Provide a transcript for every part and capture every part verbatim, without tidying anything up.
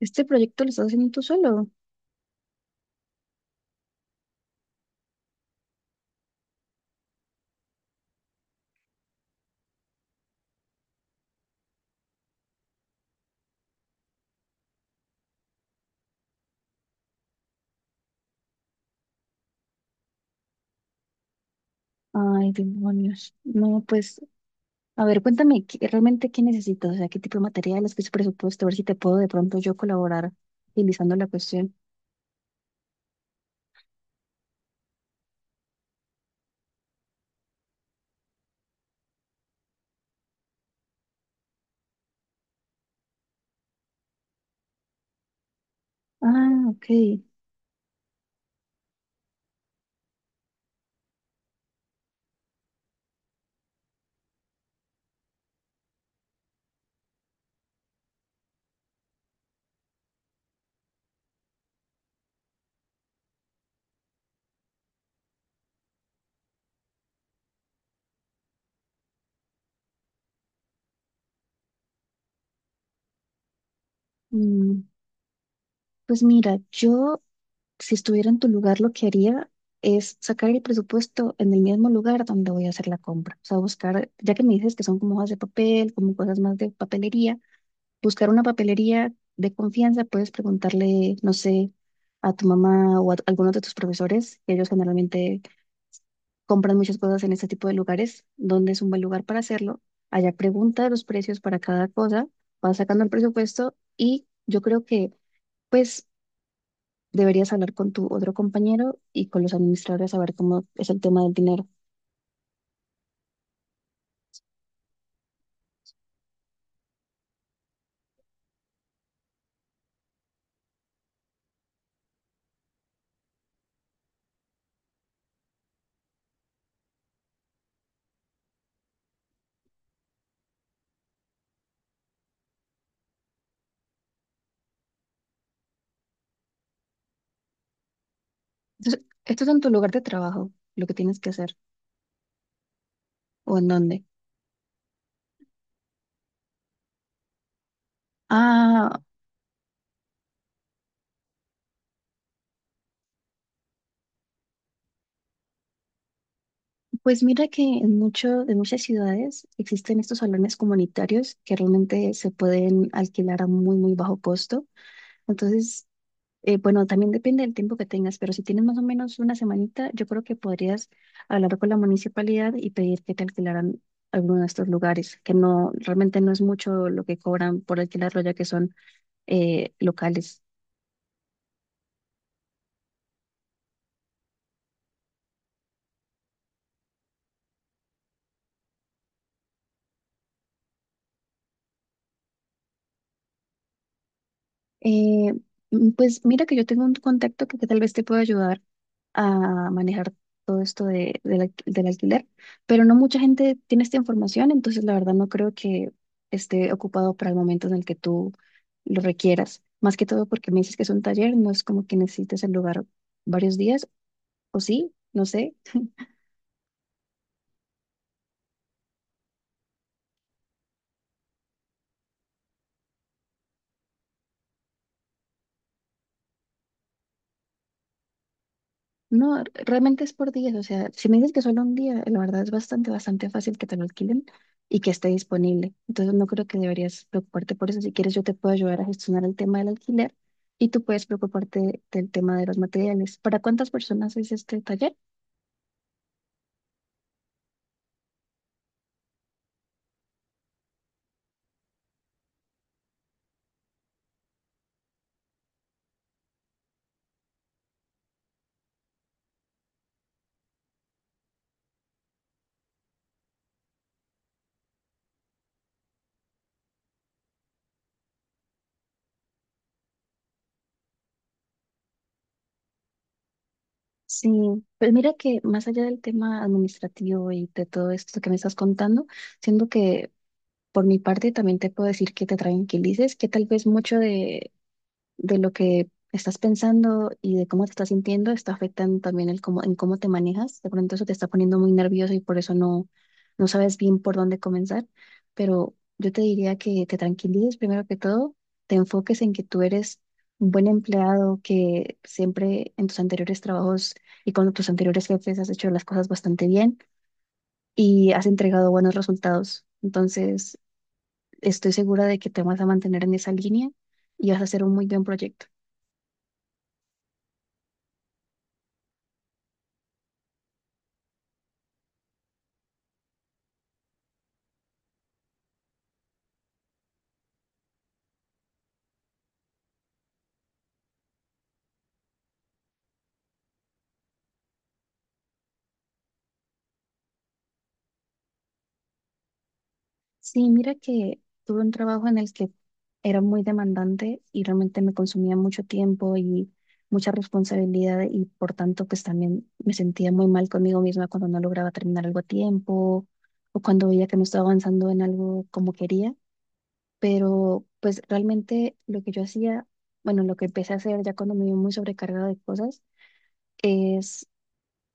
Este proyecto lo estás haciendo tú solo. Ay, demonios. No, pues, a ver, cuéntame, ¿qué- realmente ¿qué necesitas? O sea, ¿qué tipo de materiales, qué es presupuesto? A ver si te puedo de pronto yo colaborar utilizando la cuestión. Ah, ok. Mm, pues mira, yo si estuviera en tu lugar lo que haría es sacar el presupuesto en el mismo lugar donde voy a hacer la compra. O sea, buscar, ya que me dices que son como hojas de papel, como cosas más de papelería, buscar una papelería de confianza. Puedes preguntarle, no sé, a tu mamá o a alguno de tus profesores, que ellos generalmente compran muchas cosas en este tipo de lugares, dónde es un buen lugar para hacerlo. Allá pregunta los precios para cada cosa, vas sacando el presupuesto y yo creo que pues deberías hablar con tu otro compañero y con los administradores a ver cómo es el tema del dinero. Entonces, ¿esto es en tu lugar de trabajo lo que tienes que hacer o en dónde? Ah, pues mira que en mucho, en muchas ciudades existen estos salones comunitarios que realmente se pueden alquilar a muy, muy bajo costo. Entonces, eh, bueno, también depende del tiempo que tengas, pero si tienes más o menos una semanita, yo creo que podrías hablar con la municipalidad y pedir que te alquilaran alguno de estos lugares, que no, realmente no es mucho lo que cobran por alquilarlo, ya que son eh, locales. Eh, mm, pues mira que yo tengo un contacto que, que tal vez te pueda ayudar a manejar todo esto de, del alqu- del alquiler, pero no mucha gente tiene esta información, entonces la verdad no creo que esté ocupado para el momento en el que tú lo requieras. Más que todo porque me dices que es un taller, no es como que necesites el lugar varios días, o sí, no sé. No, re- realmente es por días. O sea, si me dices que solo un día, la verdad es bastante, bastante fácil que te lo alquilen y que esté disponible. Entonces no creo que deberías preocuparte por eso. Si quieres, yo te puedo ayudar a gestionar el tema del alquiler y tú puedes preocuparte del tema de los materiales. ¿Para cuántas personas es este taller? Sí, pues mira que más allá del tema administrativo y de todo esto que me estás contando, siento que por mi parte también te puedo decir que te tranquilices, que tal vez mucho de de lo que estás pensando y de cómo te estás sintiendo está afectando también el cómo, en cómo te manejas. De pronto eso te está poniendo muy nervioso y por eso no, no sabes bien por dónde comenzar. Pero yo te diría que te tranquilices primero que todo, te enfoques en que tú eres un buen empleado, que siempre en tus anteriores trabajos y con tus anteriores jefes has hecho las cosas bastante bien y has entregado buenos resultados. Entonces, estoy segura de que te vas a mantener en esa línea y vas a hacer un muy buen proyecto. Sí, mira que tuve un trabajo en el que era muy demandante y realmente me consumía mucho tiempo y mucha responsabilidad y por tanto pues también me sentía muy mal conmigo misma cuando no lograba terminar algo a tiempo o cuando veía que no estaba avanzando en algo como quería. Pero pues realmente lo que yo hacía, bueno, lo que empecé a hacer ya cuando me vi muy sobrecargada de cosas es,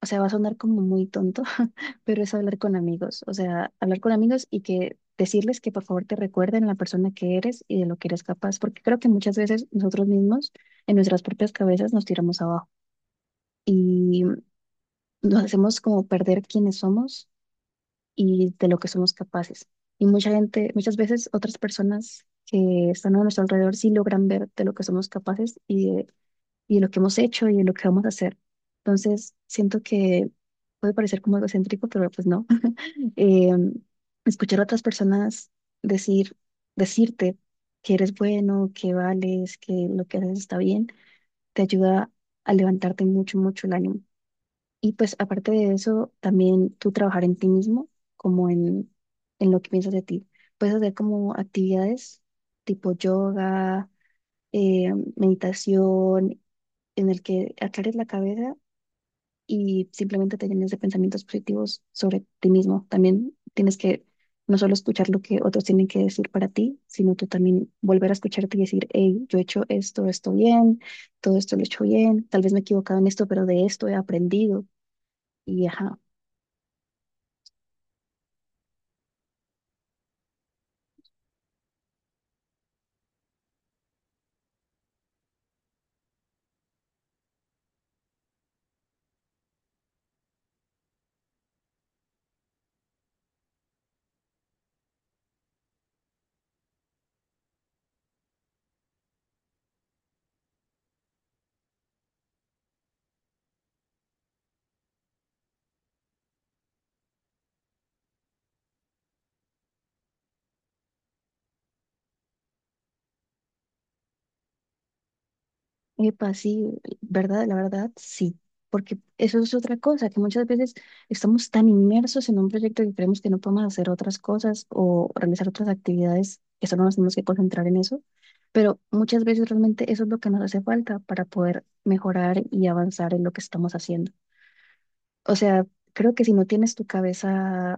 o sea, va a sonar como muy tonto, pero es hablar con amigos. O sea, hablar con amigos y que decirles que por favor te recuerden la persona que eres y de lo que eres capaz, porque creo que muchas veces nosotros mismos en nuestras propias cabezas nos tiramos abajo y nos hacemos como perder quiénes somos y de lo que somos capaces. Y mucha gente, muchas veces otras personas que están a nuestro alrededor sí logran ver de lo que somos capaces y y de lo que hemos hecho y de lo que vamos a hacer. Entonces, siento que puede parecer como algo egocéntrico, pero pues no. Eh, escuchar a otras personas decir, decirte que eres bueno, que vales, que lo que haces está bien, te ayuda a levantarte mucho, mucho el ánimo. Y pues aparte de eso, también tú trabajar en ti mismo, como en, en lo que piensas de ti. Puedes hacer como actividades tipo yoga, eh, meditación en el que aclares la cabeza y simplemente te llenes de pensamientos positivos sobre ti mismo. También tienes que no solo escuchar lo que otros tienen que decir para ti, sino tú también volver a escucharte y decir, hey, yo he hecho esto, esto bien, todo esto lo he hecho bien, tal vez me he equivocado en esto, pero de esto he aprendido. Y ajá. Epa, sí, verdad, la verdad, sí, porque eso es otra cosa, que muchas veces estamos tan inmersos en un proyecto que creemos que no podemos hacer otras cosas o realizar otras actividades, que solo nos tenemos que concentrar en eso, pero muchas veces realmente eso es lo que nos hace falta para poder mejorar y avanzar en lo que estamos haciendo. O sea, creo que si no tienes tu cabeza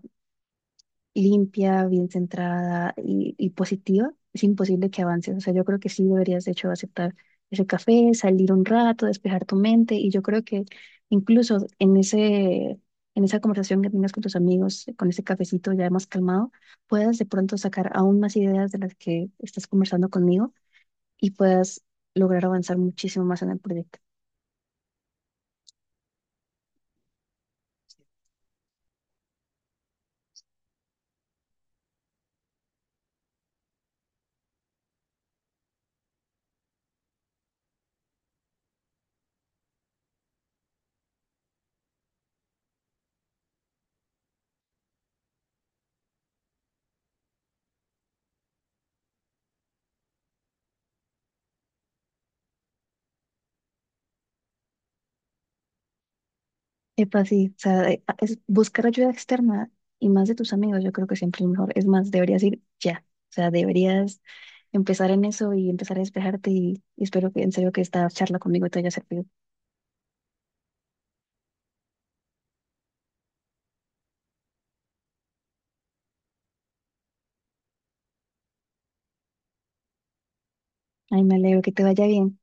limpia, bien centrada y, y positiva, es imposible que avances. O sea, yo creo que sí deberías, de hecho, aceptar ese café, salir un rato, despejar tu mente. Y yo creo que incluso en ese, en esa conversación que tengas con tus amigos, con ese cafecito ya más calmado, puedas de pronto sacar aún más ideas de las que estás conversando conmigo y puedas lograr avanzar muchísimo más en el proyecto. Epa, sí, o sea, eh, a- es buscar ayuda externa y más de tus amigos, yo creo que siempre es mejor. Es más, deberías ir ya, o sea, deberías empezar en eso y empezar a despejarte y, y espero que en serio que esta charla conmigo te haya servido. Ay, me alegro que te vaya bien.